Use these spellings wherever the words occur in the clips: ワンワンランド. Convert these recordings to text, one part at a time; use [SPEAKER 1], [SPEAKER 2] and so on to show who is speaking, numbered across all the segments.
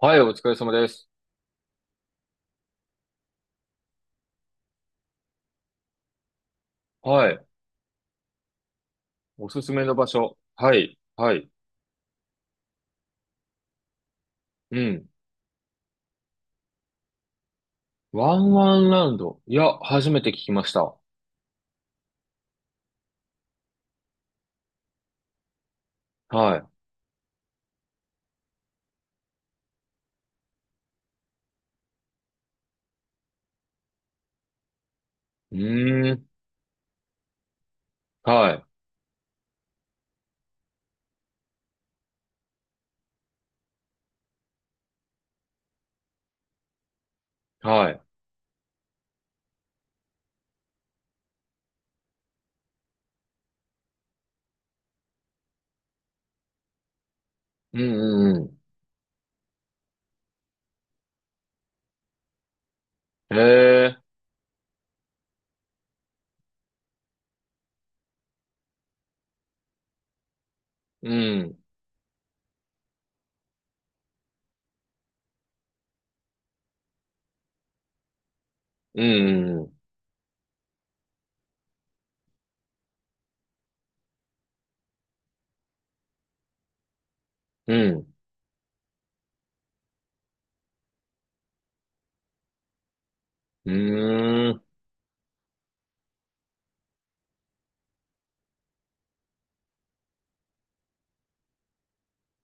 [SPEAKER 1] はい、お疲れ様です。はい。おすすめの場所。はい。はい。うん。ワンワンラウンド。いや、初めて聞きました。はい。うーん。はい。はい。うんうんうん。へえ。うん。うんうんうん。うん。ーん。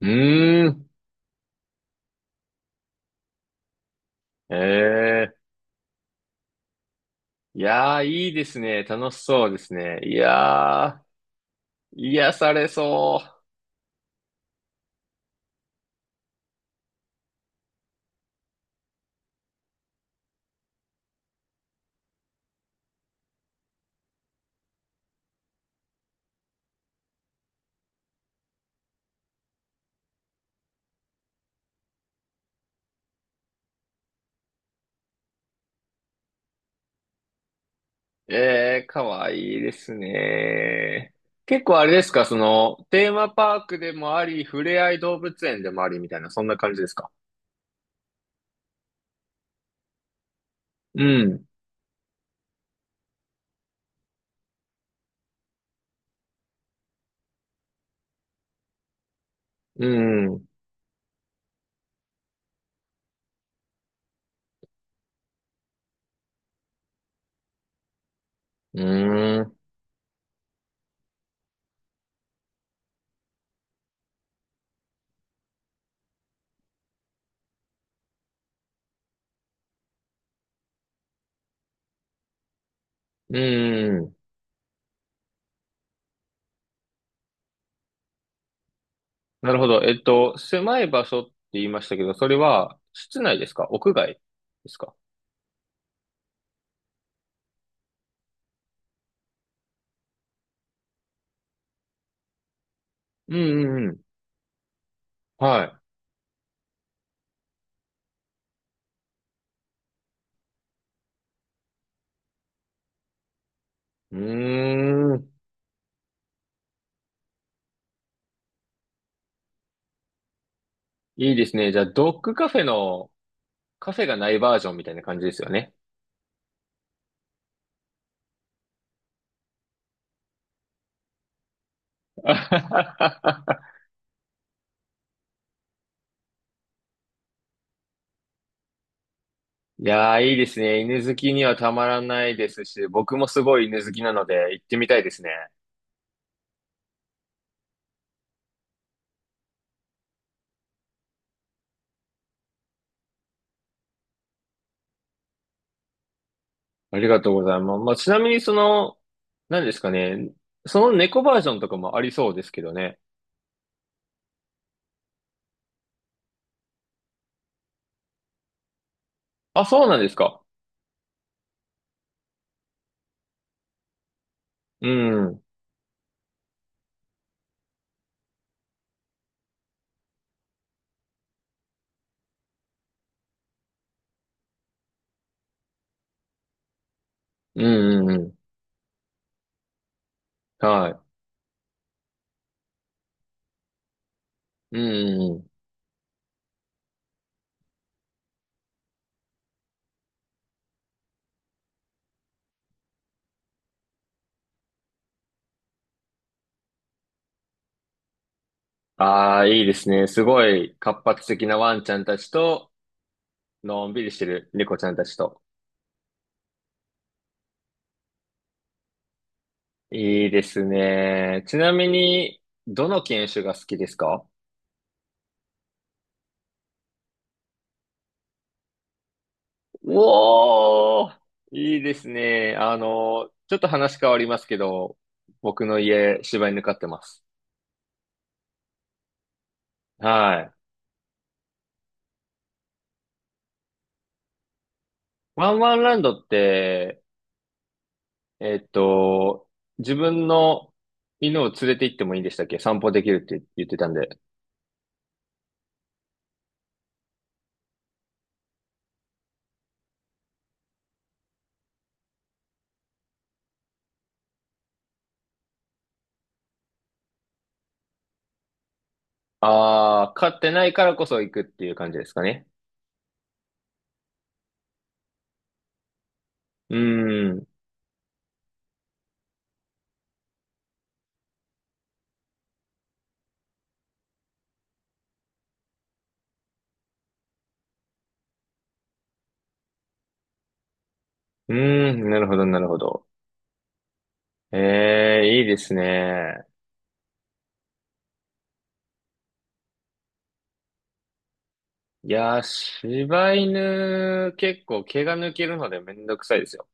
[SPEAKER 1] うーん。へえ。いやー、いいですね。楽しそうですね。いやー、癒されそう。ええ、かわいいですね。結構あれですか、その、テーマパークでもあり、ふれあい動物園でもありみたいな、そんな感じですか？うん、うん、うーん、うん。なるほど。狭い場所って言いましたけど、それは室内ですか屋外ですか？うん、うん、うん。はい。うーん、いいですね。じゃあ、ドッグカフェのカフェがないバージョンみたいな感じですよね。いやー、いいですね。犬好きにはたまらないですし、僕もすごい犬好きなので行ってみたいですね。ありがとうございます。まあ、ちなみにその、何ですかね。その猫バージョンとかもありそうですけどね。あ、そうなんですか。うん。うんうんうん。はい。うんうんうん。ああ、いいですね。すごい活発的なワンちゃんたちと、のんびりしてる猫ちゃんたちと。いいですね。ちなみに、どの犬種が好きですか？おー、いいですね。あの、ちょっと話変わりますけど、僕の家、柴犬飼ってます。はい。ワンワンランドって、えっと、自分の犬を連れて行ってもいいんでしたっけ？散歩できるって言ってたんで。あー、飼ってないからこそ行くっていう感じですかね。うーん。うーん、なるほど、なるほど。ええ、いいですね。いやー、柴犬、結構毛が抜けるのでめんどくさいですよね？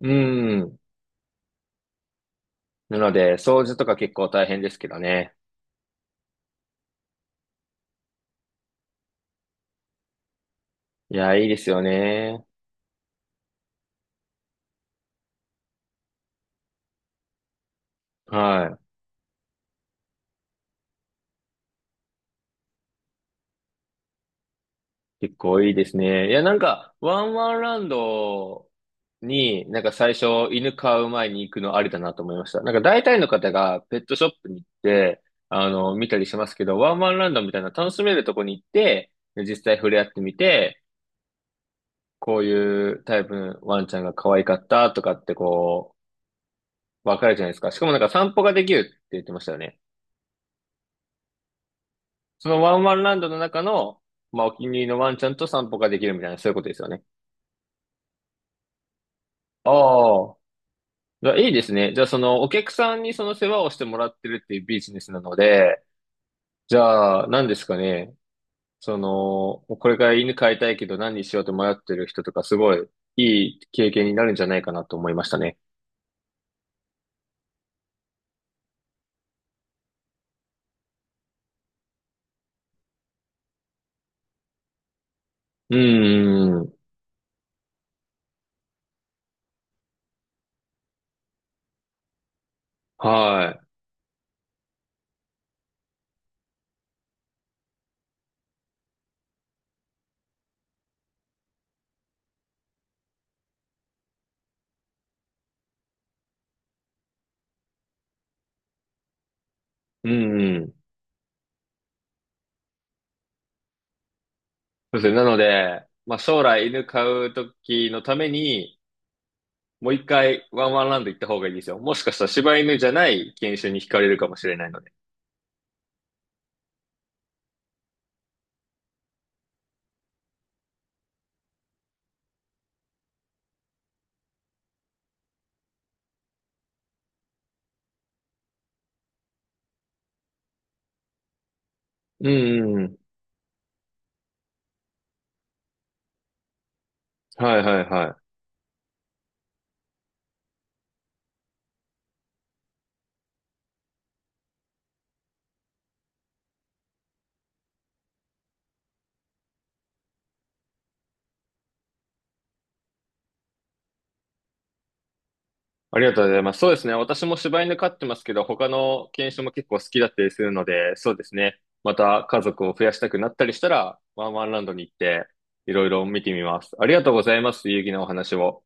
[SPEAKER 1] うん。なので、掃除とか結構大変ですけどね。いや、いいですよね。はい。結構いいですね。いや、なんか、ワンワンランドに、なんか最初、犬飼う前に行くのありだなと思いました。なんか大体の方がペットショップに行って、あの、見たりしますけど、ワンワンランドみたいな楽しめるとこに行って、で実際触れ合ってみて、こういうタイプのワンちゃんが可愛かったとかってこう、わかるじゃないですか。しかもなんか散歩ができるって言ってましたよね。そのワンワンランドの中の、まあ、お気に入りのワンちゃんと散歩ができるみたいな、そういうことですよね。ああ。じゃあ、いいですね。じゃあ、その、お客さんにその世話をしてもらってるっていうビジネスなので、じゃあ、何ですかね。その、これから犬飼いたいけど何にしようと迷ってる人とか、すごいいい経験になるんじゃないかなと思いましたね。うんうんうん。はい。うんうん。そうですね。なので、まあ、将来犬飼うときのために、もう一回ワンワンランド行った方がいいですよ。もしかしたら柴犬じゃない犬種に惹かれるかもしれないので。うんうんうん。はいはいはい。ありがとうございます。そうですね。私も柴犬飼ってますけど、他の犬種も結構好きだったりするので、そうですね。また家族を増やしたくなったりしたら、ワンワンランドに行って、いろいろ見てみます。ありがとうございます。有意義なお話を。